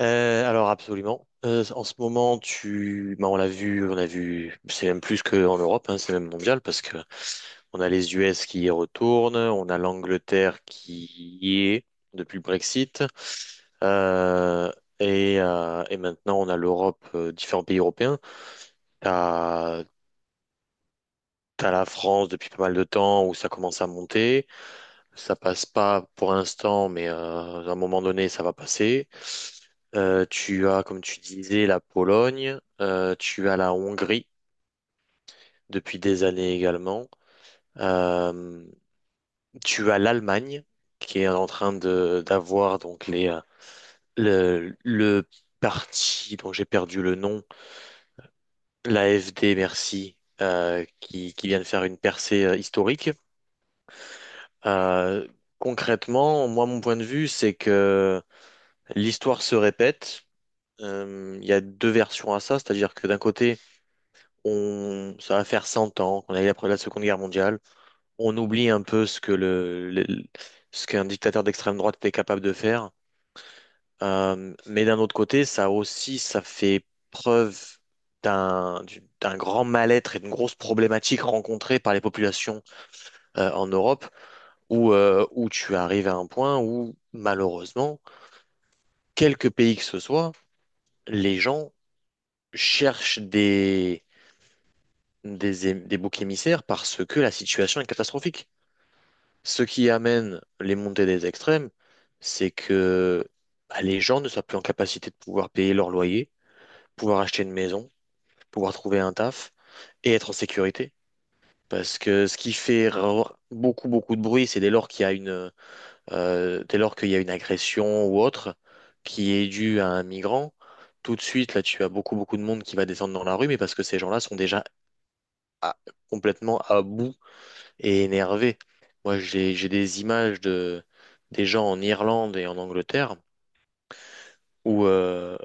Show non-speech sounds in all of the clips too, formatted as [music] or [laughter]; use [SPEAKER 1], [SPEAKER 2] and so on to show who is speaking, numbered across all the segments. [SPEAKER 1] Alors absolument. En ce moment, bah, on a vu, c'est même plus qu'en Europe, hein, c'est même mondial parce que on a les US qui y retournent, on a l'Angleterre qui y est depuis le Brexit, euh, et maintenant on a l'Europe, différents pays européens. T'as, t'as la France depuis pas mal de temps où ça commence à monter. Ça passe pas pour l'instant, mais à un moment donné, ça va passer. Tu as, comme tu disais, la Pologne. Tu as la Hongrie depuis des années également. Euh, Tu as l'Allemagne qui est en train de d'avoir donc les le parti dont j'ai perdu le nom, l'AfD, merci, qui vient de faire une percée historique. Euh, Concrètement, moi, mon point de vue, c'est que l'histoire se répète. Il y a deux versions à ça, c'est-à-dire que d'un côté, ça va faire 100 ans qu'on a eu après la Seconde Guerre mondiale. On oublie un peu ce que le- ce qu'un dictateur d'extrême droite était capable de faire. Mais d'un autre côté, ça aussi, ça fait preuve d'un grand mal-être et d'une grosse problématique rencontrée par les populations en Europe, où tu arrives à un point où, malheureusement, quelques pays que ce soit, les gens cherchent des boucs émissaires parce que la situation est catastrophique. Ce qui amène les montées des extrêmes, c'est que bah, les gens ne sont plus en capacité de pouvoir payer leur loyer, pouvoir acheter une maison, pouvoir trouver un taf et être en sécurité. Parce que ce qui fait beaucoup, beaucoup de bruit, c'est dès lors qu'il y a une agression ou autre qui est due à un migrant, tout de suite, là, tu as beaucoup, beaucoup de monde qui va descendre dans la rue, mais parce que ces gens-là sont déjà à- complètement à bout et énervé. Moi, j'ai des images de des gens en Irlande et en Angleterre où euh,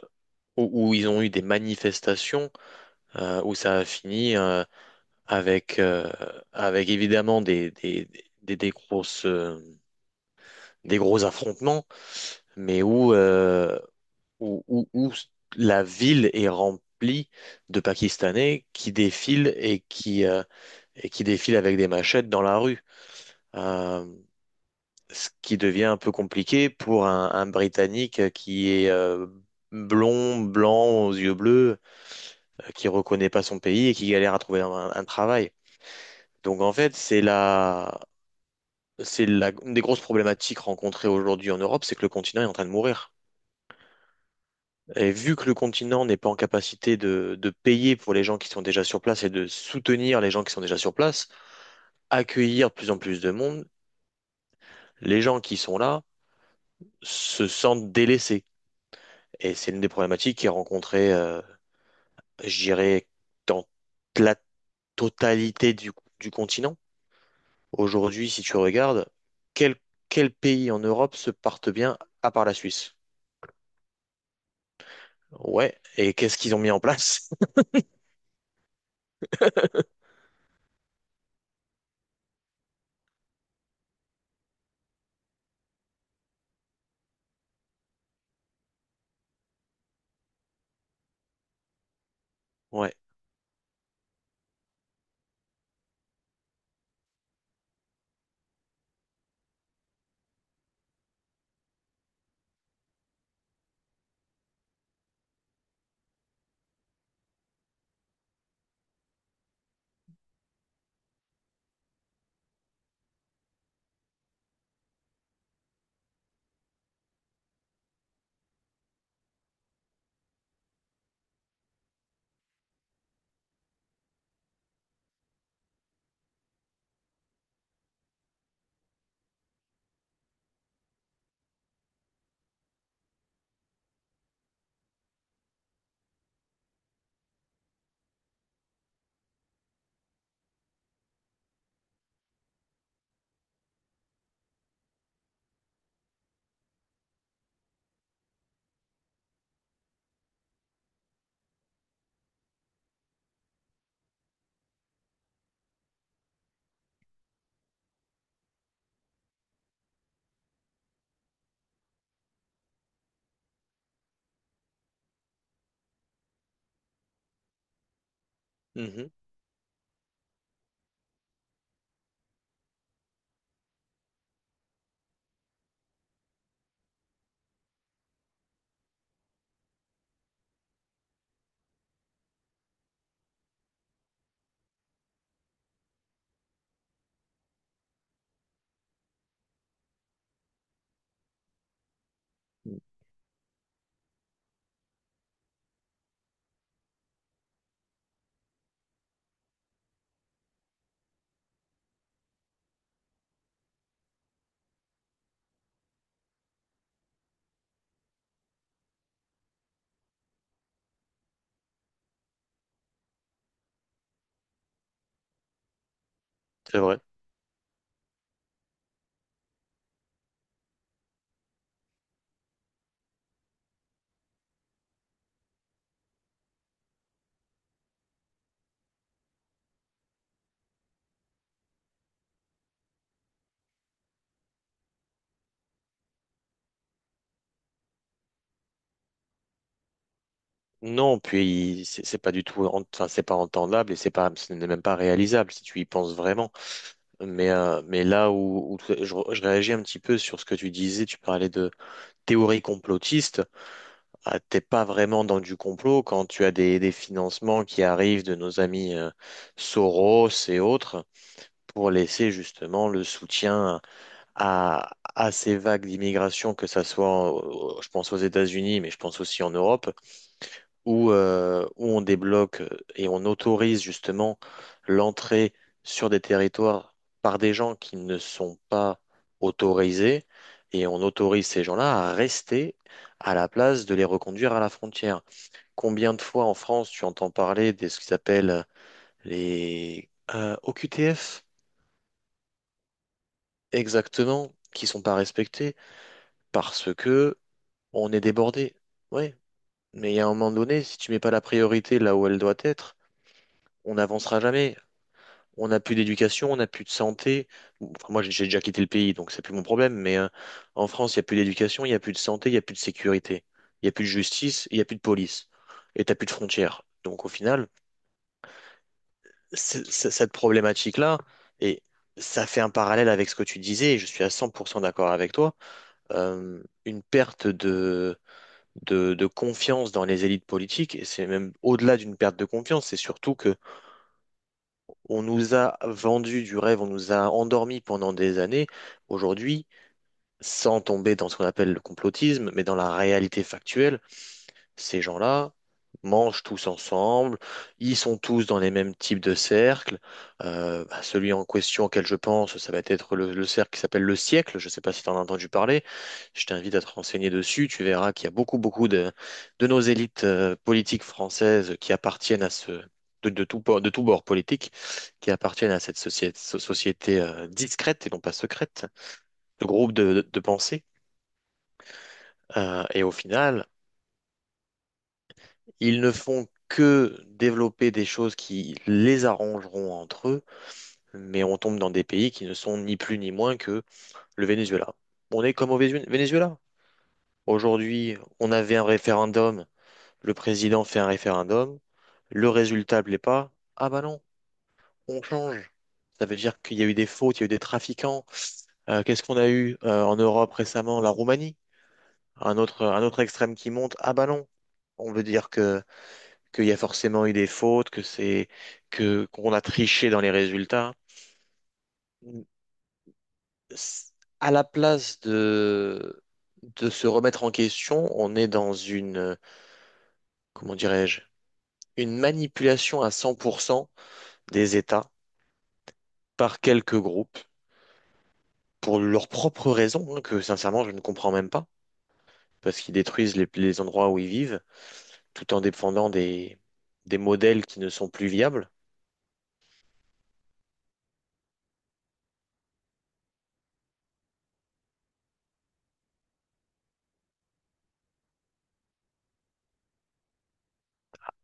[SPEAKER 1] où ils ont eu des manifestations où ça a fini avec euh, avec évidemment des, des grosses euh, des gros affrontements, mais où la ville est remplie de Pakistanais qui défilent et qui défilent avec des machettes dans la rue. Euh, Ce qui devient un peu compliqué pour un Britannique qui est blond, blanc, aux yeux bleus, qui reconnaît pas son pays et qui galère à trouver un travail. Donc en fait, une des grosses problématiques rencontrées aujourd'hui en Europe, c'est que le continent est en train de mourir. Et vu que le continent n'est pas en capacité de payer pour les gens qui sont déjà sur place et de soutenir les gens qui sont déjà sur place, accueillir de plus en plus de monde, les gens qui sont là se sentent délaissés. Et c'est l'une des problématiques qui est rencontrée, je dirais, dans la totalité du continent. Aujourd'hui, si tu regardes, quel, quel pays en Europe se porte bien à part la Suisse? Ouais, et qu'est-ce qu'ils ont mis en place? [laughs] Ouais, mhm, c'est vrai. Non, puis c'est pas du tout, enfin c'est pas entendable et c'est pas, ce n'est même pas réalisable si tu y penses vraiment. Mais là où je réagis un petit peu sur ce que tu disais, tu parlais de théorie complotiste. Ah, t'es pas vraiment dans du complot quand tu as des financements qui arrivent de nos amis Soros et autres pour laisser justement le soutien à ces vagues d'immigration, que ça soit, je pense aux États-Unis, mais je pense aussi en Europe, où on débloque et on autorise justement l'entrée sur des territoires par des gens qui ne sont pas autorisés, et on autorise ces gens-là à rester à la place de les reconduire à la frontière. Combien de fois en France tu entends parler de ce qu'ils appellent les OQTF, exactement, qui sont pas respectés parce que on est débordé. Ouais, mais il y a un moment donné, si tu mets pas la priorité là où elle doit être, on n'avancera jamais. On n'a plus d'éducation, on n'a plus de santé. Enfin, moi, j'ai déjà quitté le pays, donc c'est plus mon problème. Mais en France, il n'y a plus d'éducation, il n'y a plus de santé, il n'y a plus de sécurité, il n'y a plus de justice, il n'y a plus de police, et t'as plus de frontières. Donc au final. Cette problématique-là, et ça fait un parallèle avec ce que tu disais, et je suis à 100% d'accord avec toi, une perte de confiance dans les élites politiques, et c'est même au-delà d'une perte de confiance, c'est surtout que on nous a vendu du rêve, on nous a endormis pendant des années, aujourd'hui, sans tomber dans ce qu'on appelle le complotisme, mais dans la réalité factuelle, ces gens-là mangent tous ensemble, ils sont tous dans les mêmes types de cercles. Bah, celui en question auquel je pense, ça va être le cercle qui s'appelle le siècle. Je ne sais pas si tu en as entendu parler. Je t'invite à te renseigner dessus. Tu verras qu'il y a beaucoup, beaucoup de nos élites politiques françaises qui appartiennent à ce. De tout bord politique, qui appartiennent à cette société, société, discrète et non pas secrète, de groupe de pensée. Et au final, ils ne font que développer des choses qui les arrangeront entre eux, mais on tombe dans des pays qui ne sont ni plus ni moins que le Venezuela. On est comme au Venezuela. Aujourd'hui, on avait un référendum, le président fait un référendum, le résultat plaît pas. Ah bah non, on change. Ça veut dire qu'il y a eu des fautes, il y a eu des trafiquants. Qu'est-ce qu'on a eu en Europe récemment? La Roumanie, un autre extrême qui monte. Ah bah non, on veut dire que qu'il y a forcément eu des fautes, que c'est que qu'on a triché dans les résultats. S- À la place de se remettre en question, on est dans une comment dirais-je, une manipulation à 100% des États par quelques groupes pour leurs propres raisons, hein, que sincèrement je ne comprends même pas, parce qu'ils détruisent les endroits où ils vivent tout en défendant des modèles qui ne sont plus viables.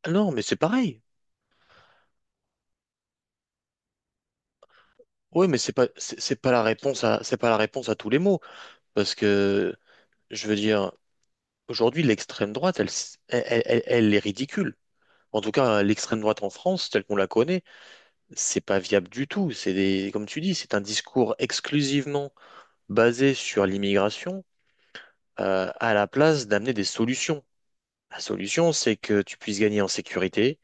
[SPEAKER 1] Non, mais c'est pareil. Oui, mais c'est pas la réponse à tous les maux. Parce que, je veux dire, aujourd'hui, l'extrême droite, elle, elle est ridicule. En tout cas, l'extrême droite en France, telle qu'on la connaît, c'est pas viable du tout. Comme tu dis, c'est un discours exclusivement basé sur l'immigration, à la place d'amener des solutions. La solution, c'est que tu puisses gagner en sécurité,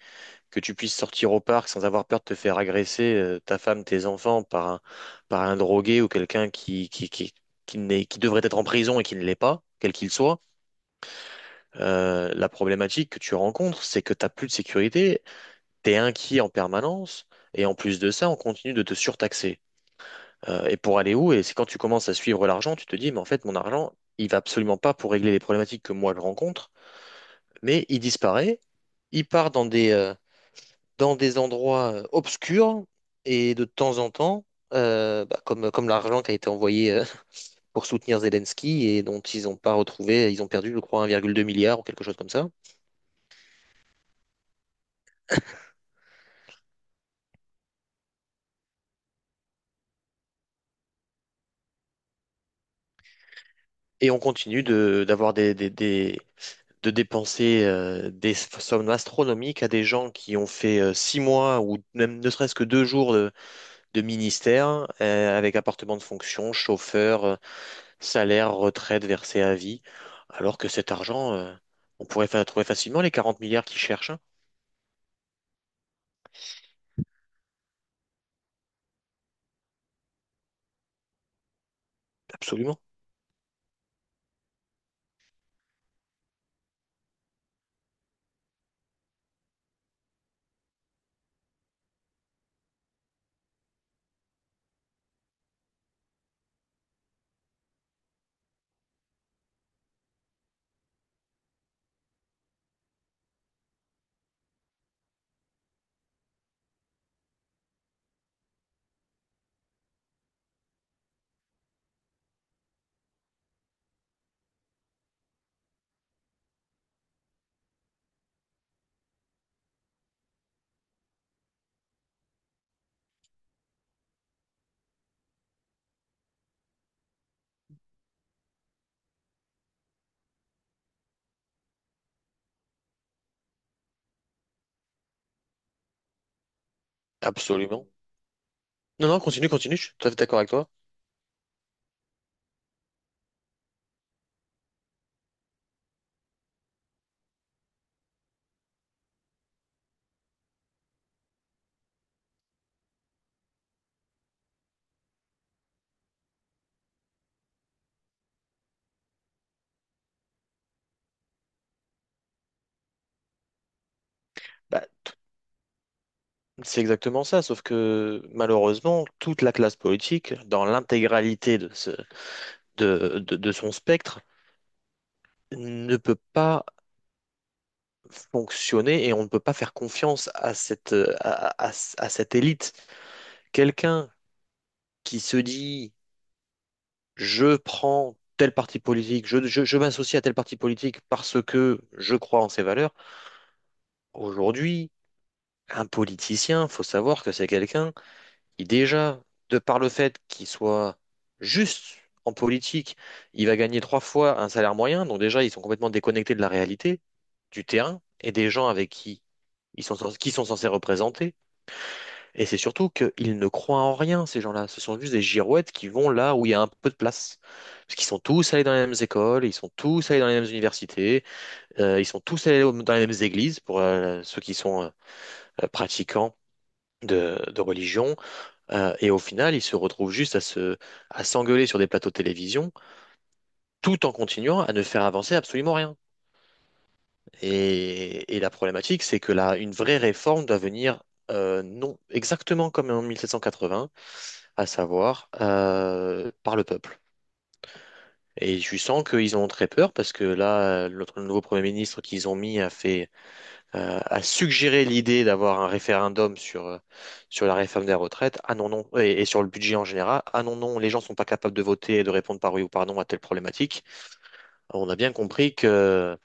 [SPEAKER 1] que tu puisses sortir au parc sans avoir peur de te faire agresser, ta femme, tes enfants, par un drogué ou quelqu'un qui n'est- qui devrait être en prison et qui ne l'est pas, quel qu'il soit. La problématique que tu rencontres, c'est que tu n'as plus de sécurité, tu es inquiet en permanence, et en plus de ça, on continue de te surtaxer. Et pour aller où? Et c'est quand tu commences à suivre l'argent, tu te dis, mais en fait, mon argent, il va absolument pas pour régler les problématiques que moi je rencontre, mais il disparaît, il part dans des endroits obscurs, et de temps en temps, bah, comme l'argent qui a été envoyé [laughs] pour soutenir Zelensky et dont ils n'ont pas retrouvé, ils ont perdu, je crois, 1,2 milliard ou quelque chose comme ça. Et on continue de dépenser des sommes astronomiques à des gens qui ont fait 6 mois ou même ne serait-ce que 2 jours de ministère avec appartement de fonction, chauffeur, salaire, retraite versée à vie, alors que cet argent, on pourrait trouver facilement les 40 milliards qu'ils cherchent, hein. Absolument, absolument. Non, non, continue, continue, je suis tout à fait d'accord avec toi. Bah, c'est exactement ça, sauf que malheureusement, toute la classe politique, dans l'intégralité de ce, de son spectre ne peut pas fonctionner et on ne peut pas faire confiance à cette élite. Quelqu'un qui se dit, je prends tel parti politique, je m'associe à tel parti politique parce que je crois en ses valeurs. Aujourd'hui, un politicien, faut savoir que c'est quelqu'un. Et déjà, de par le fait qu'il soit juste en politique, il va gagner 3 fois un salaire moyen. Donc déjà, ils sont complètement déconnectés de la réalité, du terrain et des gens avec qui ils sont, qui sont censés représenter. Et c'est surtout qu'ils ne croient en rien, ces gens-là. Ce sont juste des girouettes qui vont là où il y a un peu de place. Parce qu'ils sont tous allés dans les mêmes écoles, ils sont tous allés dans les mêmes universités, ils sont tous allés dans les mêmes églises pour ceux qui sont pratiquants de religion. Et au final, ils se retrouvent juste à s'engueuler sur des plateaux de télévision, tout en continuant à ne faire avancer absolument rien. Et la problématique, c'est que là, une vraie réforme doit venir, non, exactement comme en 1780, à savoir par le peuple. Et je sens qu'ils en ont très peur parce que là, notre nouveau Premier ministre qu'ils ont mis a suggéré l'idée d'avoir un référendum sur la réforme des retraites. Ah non, non, et sur le budget en général. Ah non, non, les gens sont pas capables de voter et de répondre par oui ou par non à telle problématique. On a bien compris que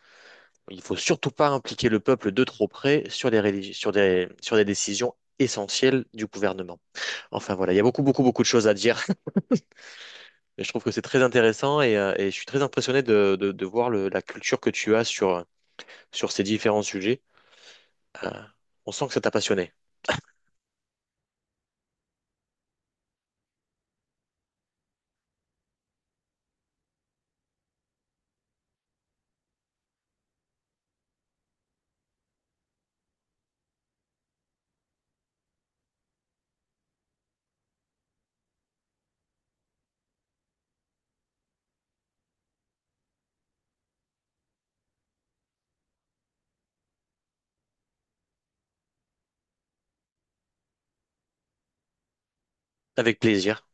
[SPEAKER 1] il faut surtout pas impliquer le peuple de trop près sur des, rélig- sur des décisions essentielles du gouvernement. Enfin voilà, il y a beaucoup, beaucoup, beaucoup de choses à dire. [laughs] Et je trouve que c'est très intéressant et je suis très impressionné de voir la culture que tu as sur ces différents sujets. Euh, on sent que ça t'a passionné. Avec plaisir.